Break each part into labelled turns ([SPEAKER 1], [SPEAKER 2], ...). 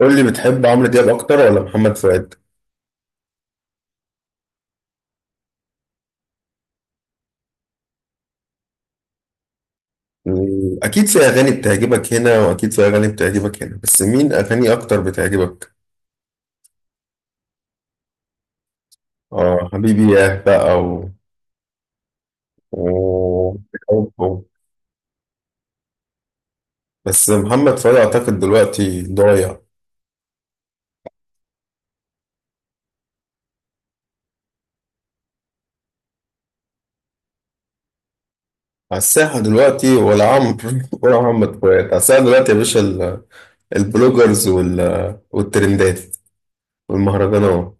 [SPEAKER 1] قول لي بتحب عمرو دياب اكتر ولا محمد فؤاد؟ اكيد في اغاني بتعجبك هنا واكيد في اغاني بتعجبك هنا، بس مين اغاني اكتر بتعجبك؟ اه حبيبي ياه بقى و... و- بس محمد فؤاد اعتقد دلوقتي ضايع. على الساحة دلوقتي ولا عمرو ولا محمد فؤاد على الساحة دلوقتي يا باشا البلوجرز وال... والترندات والمهرجانات.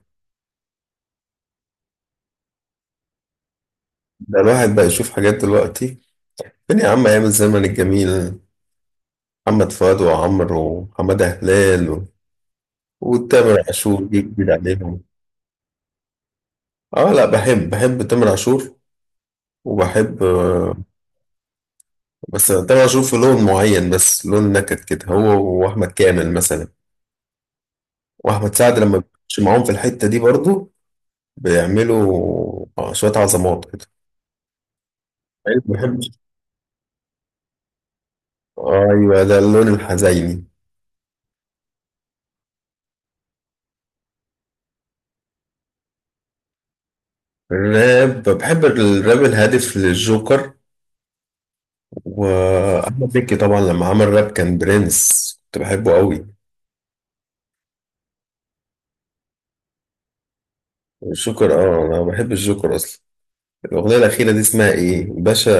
[SPEAKER 1] ده الواحد بقى يشوف حاجات دلوقتي. فين يا عم ايام الزمن الجميل، محمد فؤاد وعمرو وحمادة هلال وتامر عاشور جه جديد عليهم. اه لا، بحب، بحب تامر عاشور وبحب. بس تامر عاشور في لون معين، بس لون نكد كده، هو واحمد كامل مثلا، واحمد سعد لما بيخش معاهم في الحتة دي برضو بيعملوا شوية عظمات كده. أيوة، بحب. ايوه ده اللون الحزيني. الراب بحب الراب الهادف للجوكر، واحمد مكي طبعا لما عمل راب كان برنس كنت بحبه قوي. الجوكر اه، انا بحب الجوكر اصلا. الاغنيه الاخيره دي اسمها ايه باشا؟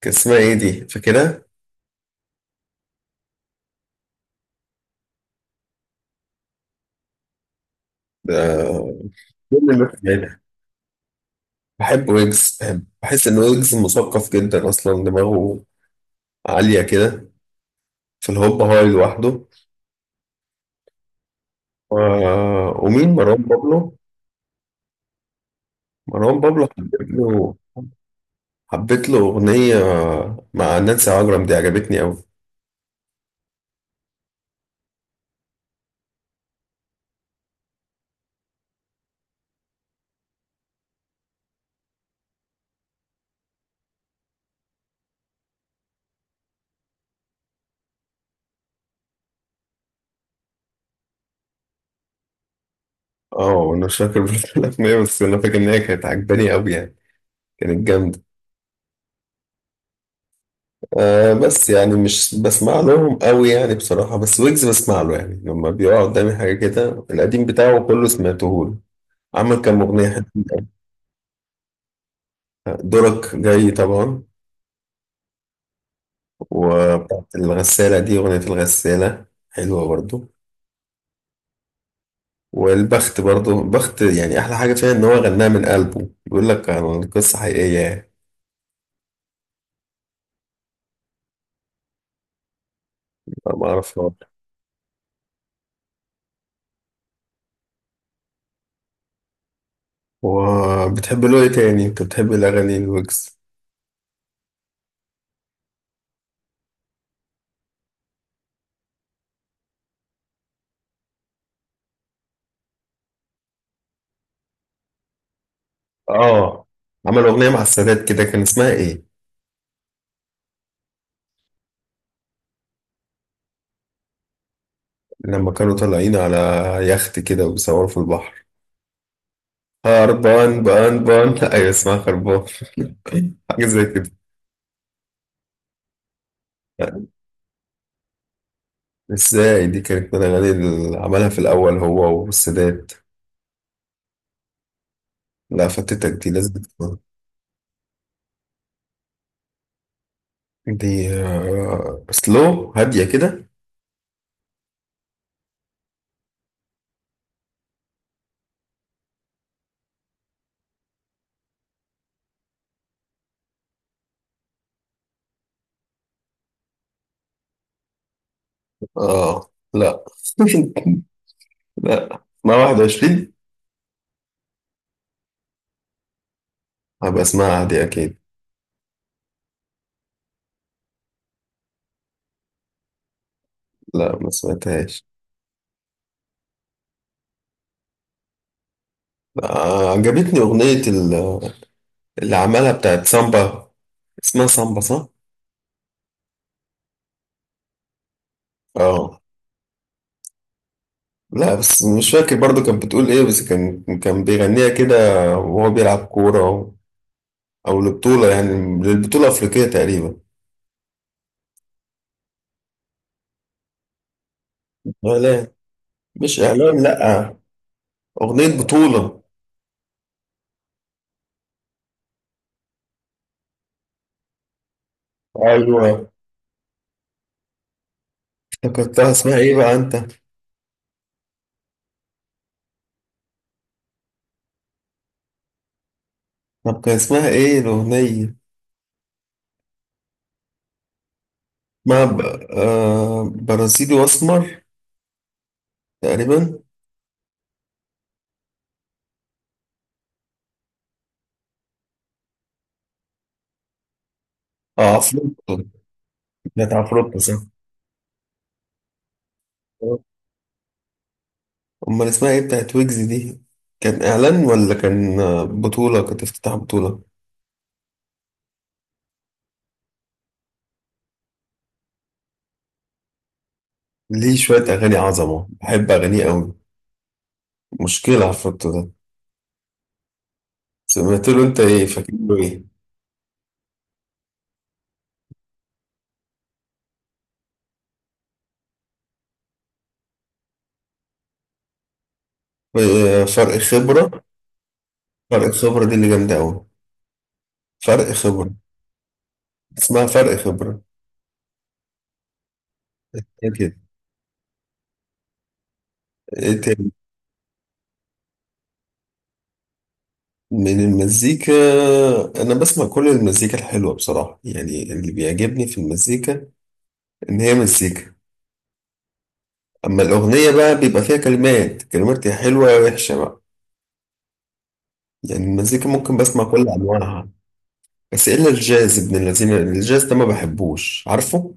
[SPEAKER 1] كان اسمها ايه دي، فاكرها؟ ده كل اللي سمعتها. بحب ويجز، بحب بحس ان ويجز مثقف جدا، اصلا دماغه عاليه كده في الهوب هاي لوحده. و... ومين مروان بابلو؟ مروان بابلو حبيت له اغنيه مع نانسي عجرم دي عجبتني قوي. اه انا مش فاكر برضه الاغنيه، بس انا فاكر ان هي كانت عجباني قوي يعني، كانت جامده. آه بس يعني مش بسمع لهم قوي يعني بصراحة، بس ويجز بسمع له يعني لما بيقع قدامي حاجة كده، القديم بتاعه كله سمعته له. عمل كام أغنية حلوين أوي. دورك جاي طبعا، وبتاعت الغسالة دي، أغنية الغسالة حلوة برضو، والبخت برضو، البخت يعني أحلى حاجة فيها إن هو غناها من قلبه، بيقول لك عن قصة حقيقية يعني. أنا ما أعرفهاش. وبتحب له إيه تاني؟ أنت بتحب الأغاني الويجز؟ آه، عمل أغنية مع السادات كده، كان اسمها إيه؟ لما كانوا طالعين على يخت كده وبيصوروا في البحر، هربان بان بان ايوه اسمها خربان حاجة زي كده. ازاي، دي كانت من الأغاني اللي عملها في الأول هو والسادات. لا فاتتك دي، لازم تسمعها. دي سلو، هادية كده. اه لا لا ما 21. هبقى اسمعها، هادية أكيد. لا ما سمعتهاش. عجبتني أغنية اللي عملها بتاعت سامبا، اسمها سامبا صح؟ اه لا، بس مش فاكر برضو كانت بتقول ايه، بس كان كان بيغنيها كده وهو بيلعب كورة، أو أو لبطولة يعني، للبطولة الأفريقية تقريبا. إعلان، مش إعلان لأ، أغنية بطولة. أيوة، افتكرتها اسمها ايه بقى أنت؟ طب كان اسمها ايه الأغنية؟ اسمها برازيلي وأسمر تقريبا. اه عفروتو، كانت عفروتو صح. أمال اسمها ايه بتاعت ويجز دي؟ كان إعلان ولا كان، بطولة، كانت افتتاح بطولة؟ ليه شوية أغاني عظمة، بحب أغانيه أوي، مشكلة عفروتو ده. سمعت له أنت إيه، فاكر له إيه؟ فرق خبرة. فرق خبرة دي اللي جامدة أوي. فرق خبرة، اسمها فرق خبرة. إيه كده، إيه تاني من المزيكا؟ أنا بسمع كل المزيكا الحلوة بصراحة يعني، اللي بيعجبني في المزيكا إن هي مزيكا، أما الأغنية بقى بيبقى فيها كلمات، كلمات يا حلوة يا وحشة بقى. يعني المزيكا ممكن بسمع كل أنواعها، بس إلا الجاز ابن الذين، الجاز ده ما بحبوش عارفه.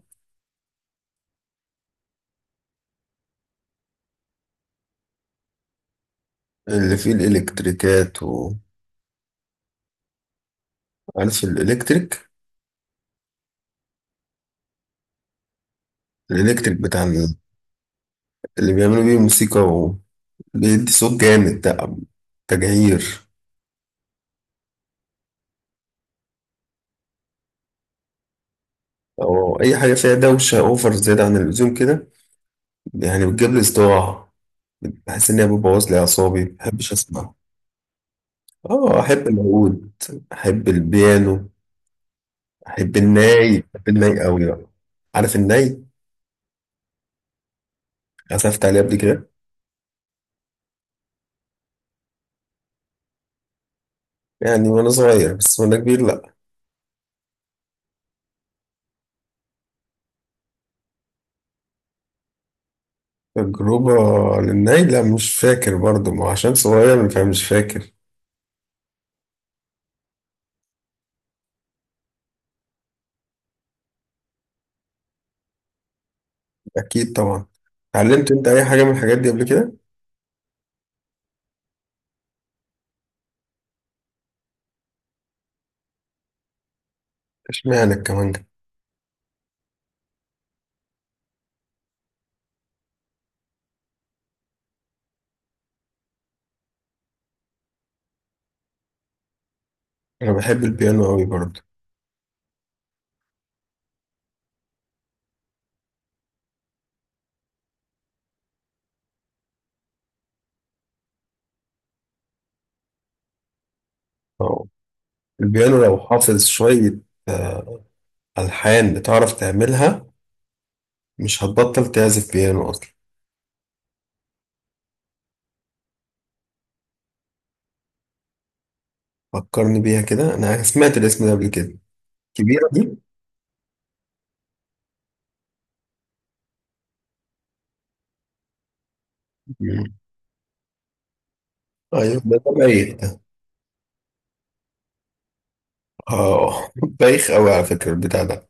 [SPEAKER 1] اللي فيه الإلكتريكات وعارف الإلكتريك، الإلكتريك بتاع ال- اللي بيعملوا بيه موسيقى وبيدي صوت جامد ده، تجعير، أو أي حاجة فيها دوشة أوفر زيادة عن اللزوم كده، يعني بتجيب لي صداع، بحس إن هي بتبوظ لي أعصابي، مبحبش أسمع. آه أحب العود، أحب البيانو، أحب الناي أحب الناي أوي بقى. عارف الناي، عزفت عليه قبل كده يعني وأنا صغير، بس وأنا كبير لأ. تجربة للناي لا مش فاكر برضو، ما هو عشان صغير فمش فاكر. أكيد طبعا. اتعلمت أنت أي حاجة من الحاجات دي قبل كده؟ اشمعنى الكمانجة؟ أنا بحب البيانو أوي برضو. أه البيانو لو حافظ شوية آه، ألحان بتعرف تعملها، مش هتبطل تعزف بيانو أصلا. فكرني بيها كده، أنا سمعت الاسم ده قبل كده. كبيرة دي؟ مم. أيوة ده بايخ ده. أه بايخ أوي على فكرة البتاع ده.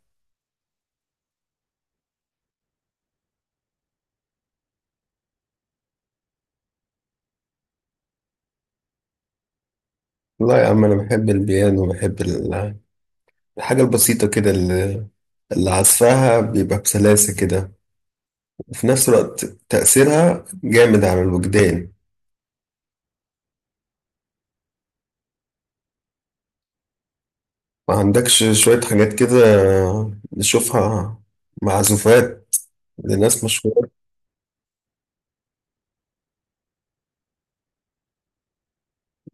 [SPEAKER 1] لا يا عم أنا بحب البيانو، بحب الحاجة البسيطة كده، اللي عزفها بيبقى بسلاسة كده، وفي نفس الوقت تأثيرها جامد على الوجدان. ما عندكش شوية حاجات كده نشوفها، معزوفات لناس مشهورة؟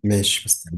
[SPEAKER 1] ماشي بس